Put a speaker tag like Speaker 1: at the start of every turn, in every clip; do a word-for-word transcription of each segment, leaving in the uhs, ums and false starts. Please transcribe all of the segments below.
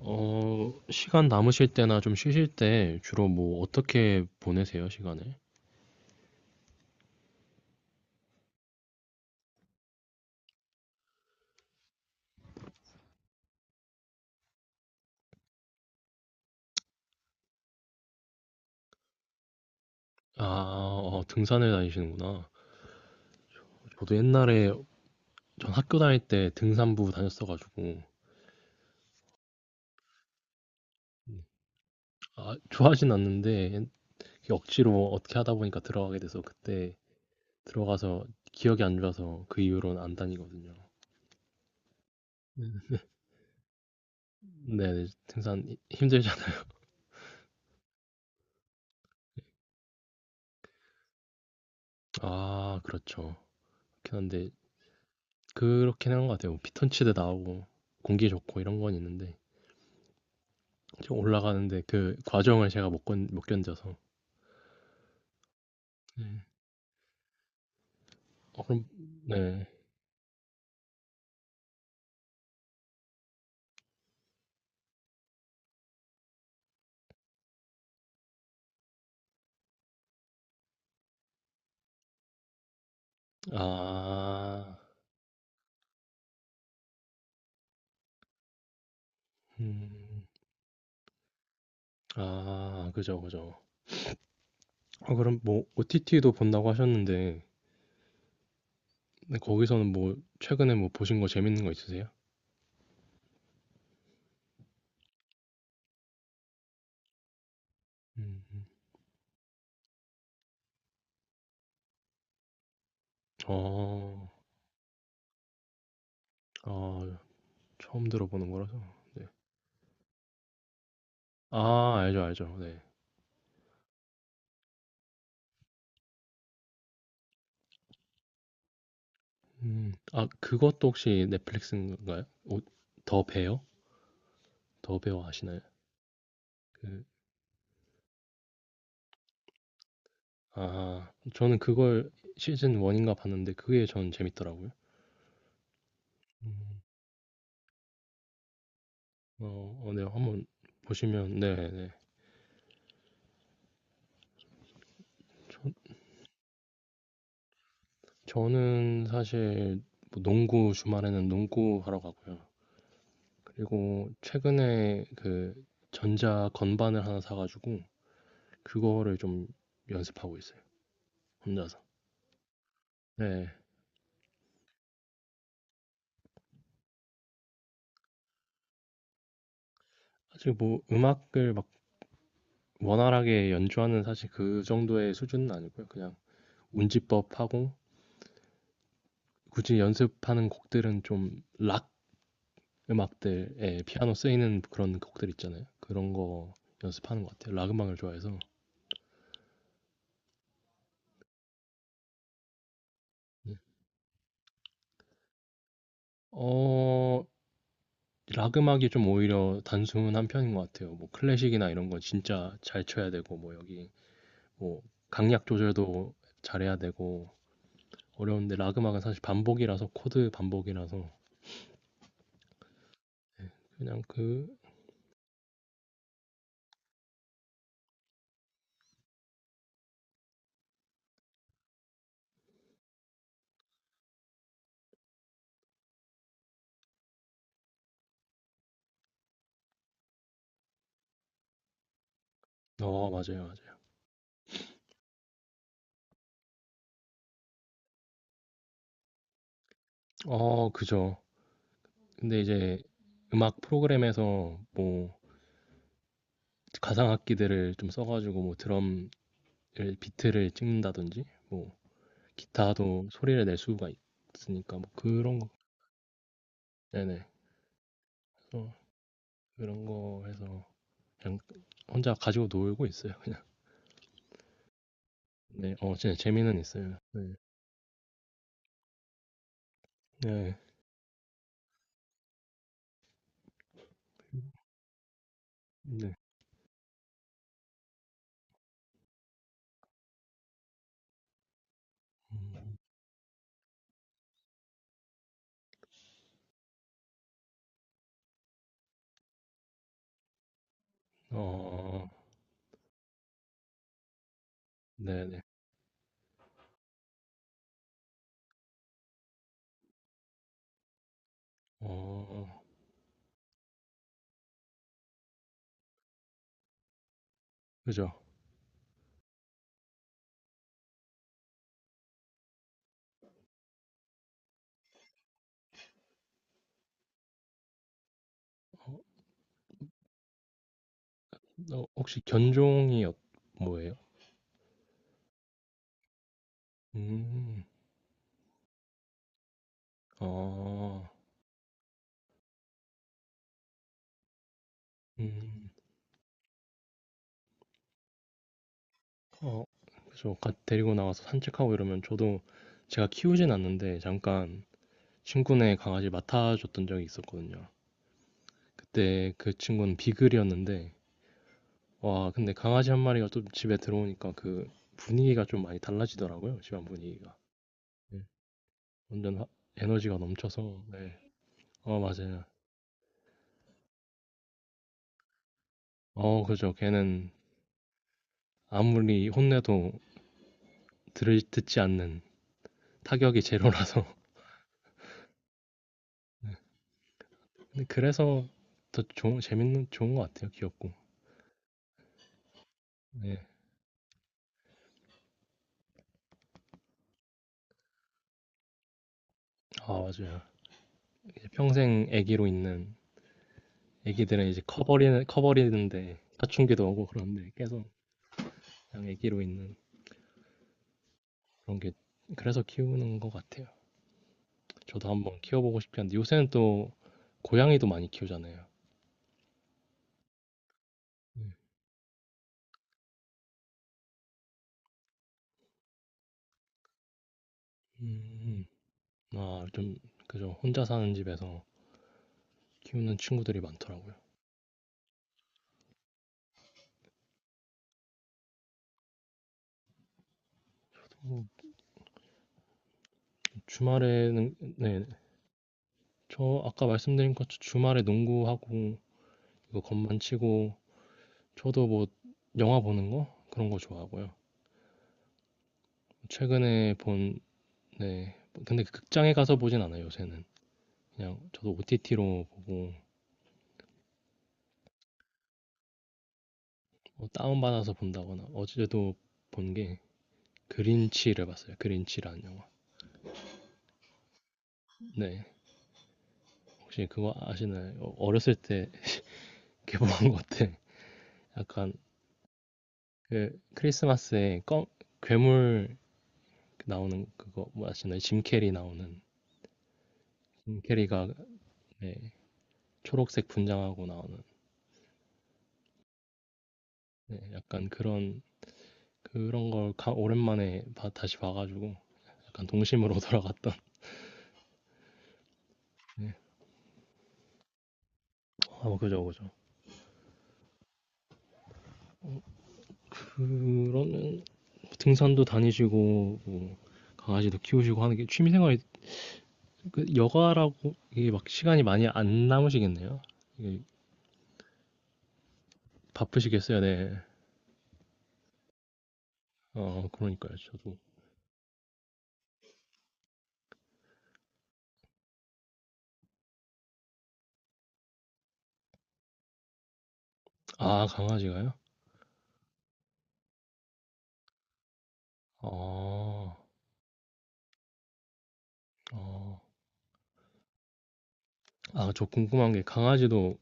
Speaker 1: 어, 시간 남으실 때나 좀 쉬실 때 주로 뭐 어떻게 보내세요, 시간을? 아, 어, 등산을 다니시는구나. 저도 옛날에 전 학교 다닐 때 등산부 다녔어가지고, 아, 좋아하진 않는데, 옛- 억지로 어떻게 하다 보니까 들어가게 돼서 그때 들어가서 기억이 안 좋아서 그 이후로는 안 다니거든요. 네, 네, 등산 히- 힘들잖아요. 아, 그렇죠. 그렇긴 한데, 그렇긴 한 것 같아요. 피톤치드 나오고, 공기 좋고 이런 건 있는데. 좀 올라가는데 그 과정을 제가 못, 견, 못 견뎌서. 네. 어, 그럼, 네. 아, 음, 아, 그죠, 그죠. 어, 그럼 뭐, 오티티도 본다고 하셨는데, 근데 거기서는 뭐, 최근에 뭐, 보신 거 재밌는 거 있으세요? 음, 음. 어, 아, 아, 처음 들어보는 거라서. 네. 아, 알죠, 알죠. 네. 음, 아, 그것도 혹시 넷플릭스인가요? 오, 더 베어? 더 베어 아시나요? 그, 아, 저는 그걸 시즌 일인가 봤는데 그게 전 재밌더라고요. 어, 어, 네, 한번 보시면 네, 네. 저, 는 사실 뭐 농구 주말에는 농구 하러 가고요. 그리고 최근에 그 전자 건반을 하나 사가지고 그거를 좀 연습하고 있어요. 혼자서. 네. 사실 뭐 음악을 막 원활하게 연주하는 사실 그 정도의 수준은 아니고요. 그냥 운지법 하고 굳이 연습하는 곡들은 좀락 음악들, 에 피아노 쓰이는 그런 곡들 있잖아요. 그런 거 연습하는 것 같아요. 락 음악을 좋아해서. 네. 어, 락 음악이 좀 오히려 단순한 편인 것 같아요. 뭐 클래식이나 이런 건 진짜 잘 쳐야 되고, 뭐 여기, 뭐 강약 조절도 잘해야 되고, 어려운데 락 음악은 사실 반복이라서, 코드 반복이라서, 그냥 그, 어, 맞아요, 맞아요. 어, 그죠. 근데 이제 음악 프로그램에서 뭐 가상악기들을 좀 써가지고 뭐 드럼 비트를 찍는다든지 뭐 기타도 소리를 낼 수가 있으니까 뭐 그런 거 네네 그래서 그런 거 해서 그냥 혼자 가지고 놀고 있어요 그냥 네어 진짜 재미는 있어요 네네 네. 네. 음, 어, 네네. 어, 그죠. 어, 어, 혹시 견종이 어, 뭐예요? 음, 어, 음, 어, 그죠. 가, 데리고 나와서 산책하고 이러면 저도 제가 키우진 않는데 잠깐 친구네 강아지를 맡아줬던 적이 있었거든요. 그때 그 친구는 비글이었는데, 와, 근데 강아지 한 마리가 또 집에 들어오니까 그 분위기가 좀 많이 달라지더라고요. 집안 분위기가. 네. 완전 하- 에너지가 넘쳐서, 네. 어, 맞아요. 어, 그죠. 걔는 아무리 혼내도 들을, 듣지 않는 타격이 제로라서. 근데 그래서 더 좋은, 재밌는, 좋은 것 같아요. 귀엽고. 네. 아, 맞아요. 이제 평생 애기로 있는 애기들은 이제 커버리는, 커버리는데 사춘기도 오고 그런데 계속 그냥 애기로 있는 그런 게 그래서 키우는 것 같아요. 저도 한번 키워보고 싶긴 한데 요새는 또 고양이도 많이 키우잖아요. 음, 음, 음. 아, 좀 그죠. 혼자 사는 집에서 키우는 친구들이 많더라고요. 뭐, 주말에는 네, 저 아까 말씀드린 것처럼 주말에 농구하고 이거 건반 치고 저도 뭐 영화 보는 거 그런 거 좋아하고요. 최근에 본 네. 근데 그 극장에 가서 보진 않아요, 요새는. 그냥 저도 오티티로 보고 뭐 다운받아서 본다거나 어제도 본 게 그린치를 봤어요. 그린치라는 영화. 네. 혹시 그거 아시나요? 어, 어렸을 때 개봉한 것 같아. 약간 그 크리스마스에 껌, 괴물 나오는 그거 뭐 아시나요? 짐 캐리 나오는 짐 캐리가 네, 초록색 분장하고 나오는 네, 약간 그런 그런 걸 가- 오랜만에 봐- 다시 봐가지고 약간 동심으로 돌아갔던 네, 아, 뭐 그죠, 그죠. 그러면 등산도 다니시고 뭐 강아지도 키우시고 하는 게 취미생활이 그 여가라고 이게 막 시간이 많이 안 남으시겠네요. 이게 바쁘시겠어요, 네. 어, 그러니까요, 저도. 아, 강아지가요? 아, 어. 아, 저 궁금한 게 강아지도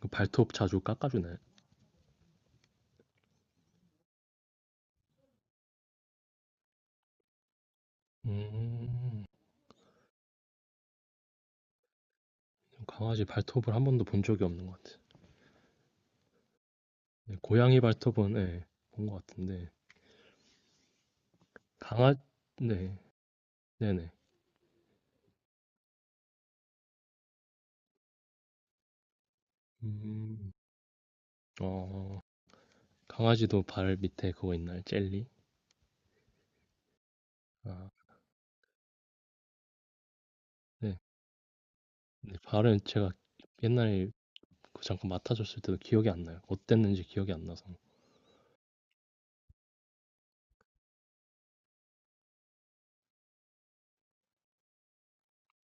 Speaker 1: 그 발톱 자주 깎아주나요? 음, 강아지 발톱을 한 번도 본 적이 없는 것 같아요. 네, 고양이 발톱은 네, 본 것 같은데 강아, 네, 네네. 음. 어, 강아지도 발 밑에 그거 있나요? 젤리? 아, 네. 근데 발은 제가 옛날에 그 잠깐 맡아줬을 때도 기억이 안 나요. 어땠는지 기억이 안 나서.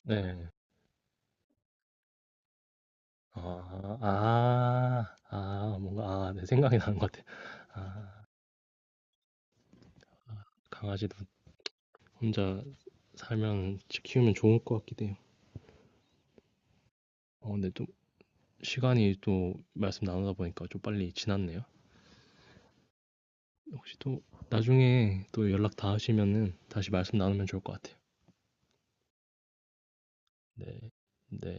Speaker 1: 네. 아, 아, 아, 뭔가, 아, 내 생각이 나는 것 같아요. 아, 강아지도 혼자 살면, 지- 키우면 좋을 것 같기도 해요. 어, 근데 또, 시간이 또, 말씀 나누다 보니까 좀 빨리 지났네요. 혹시 또, 나중에 또 연락 다 하시면은, 다시 말씀 나누면 좋을 것 같아요. 네. 네.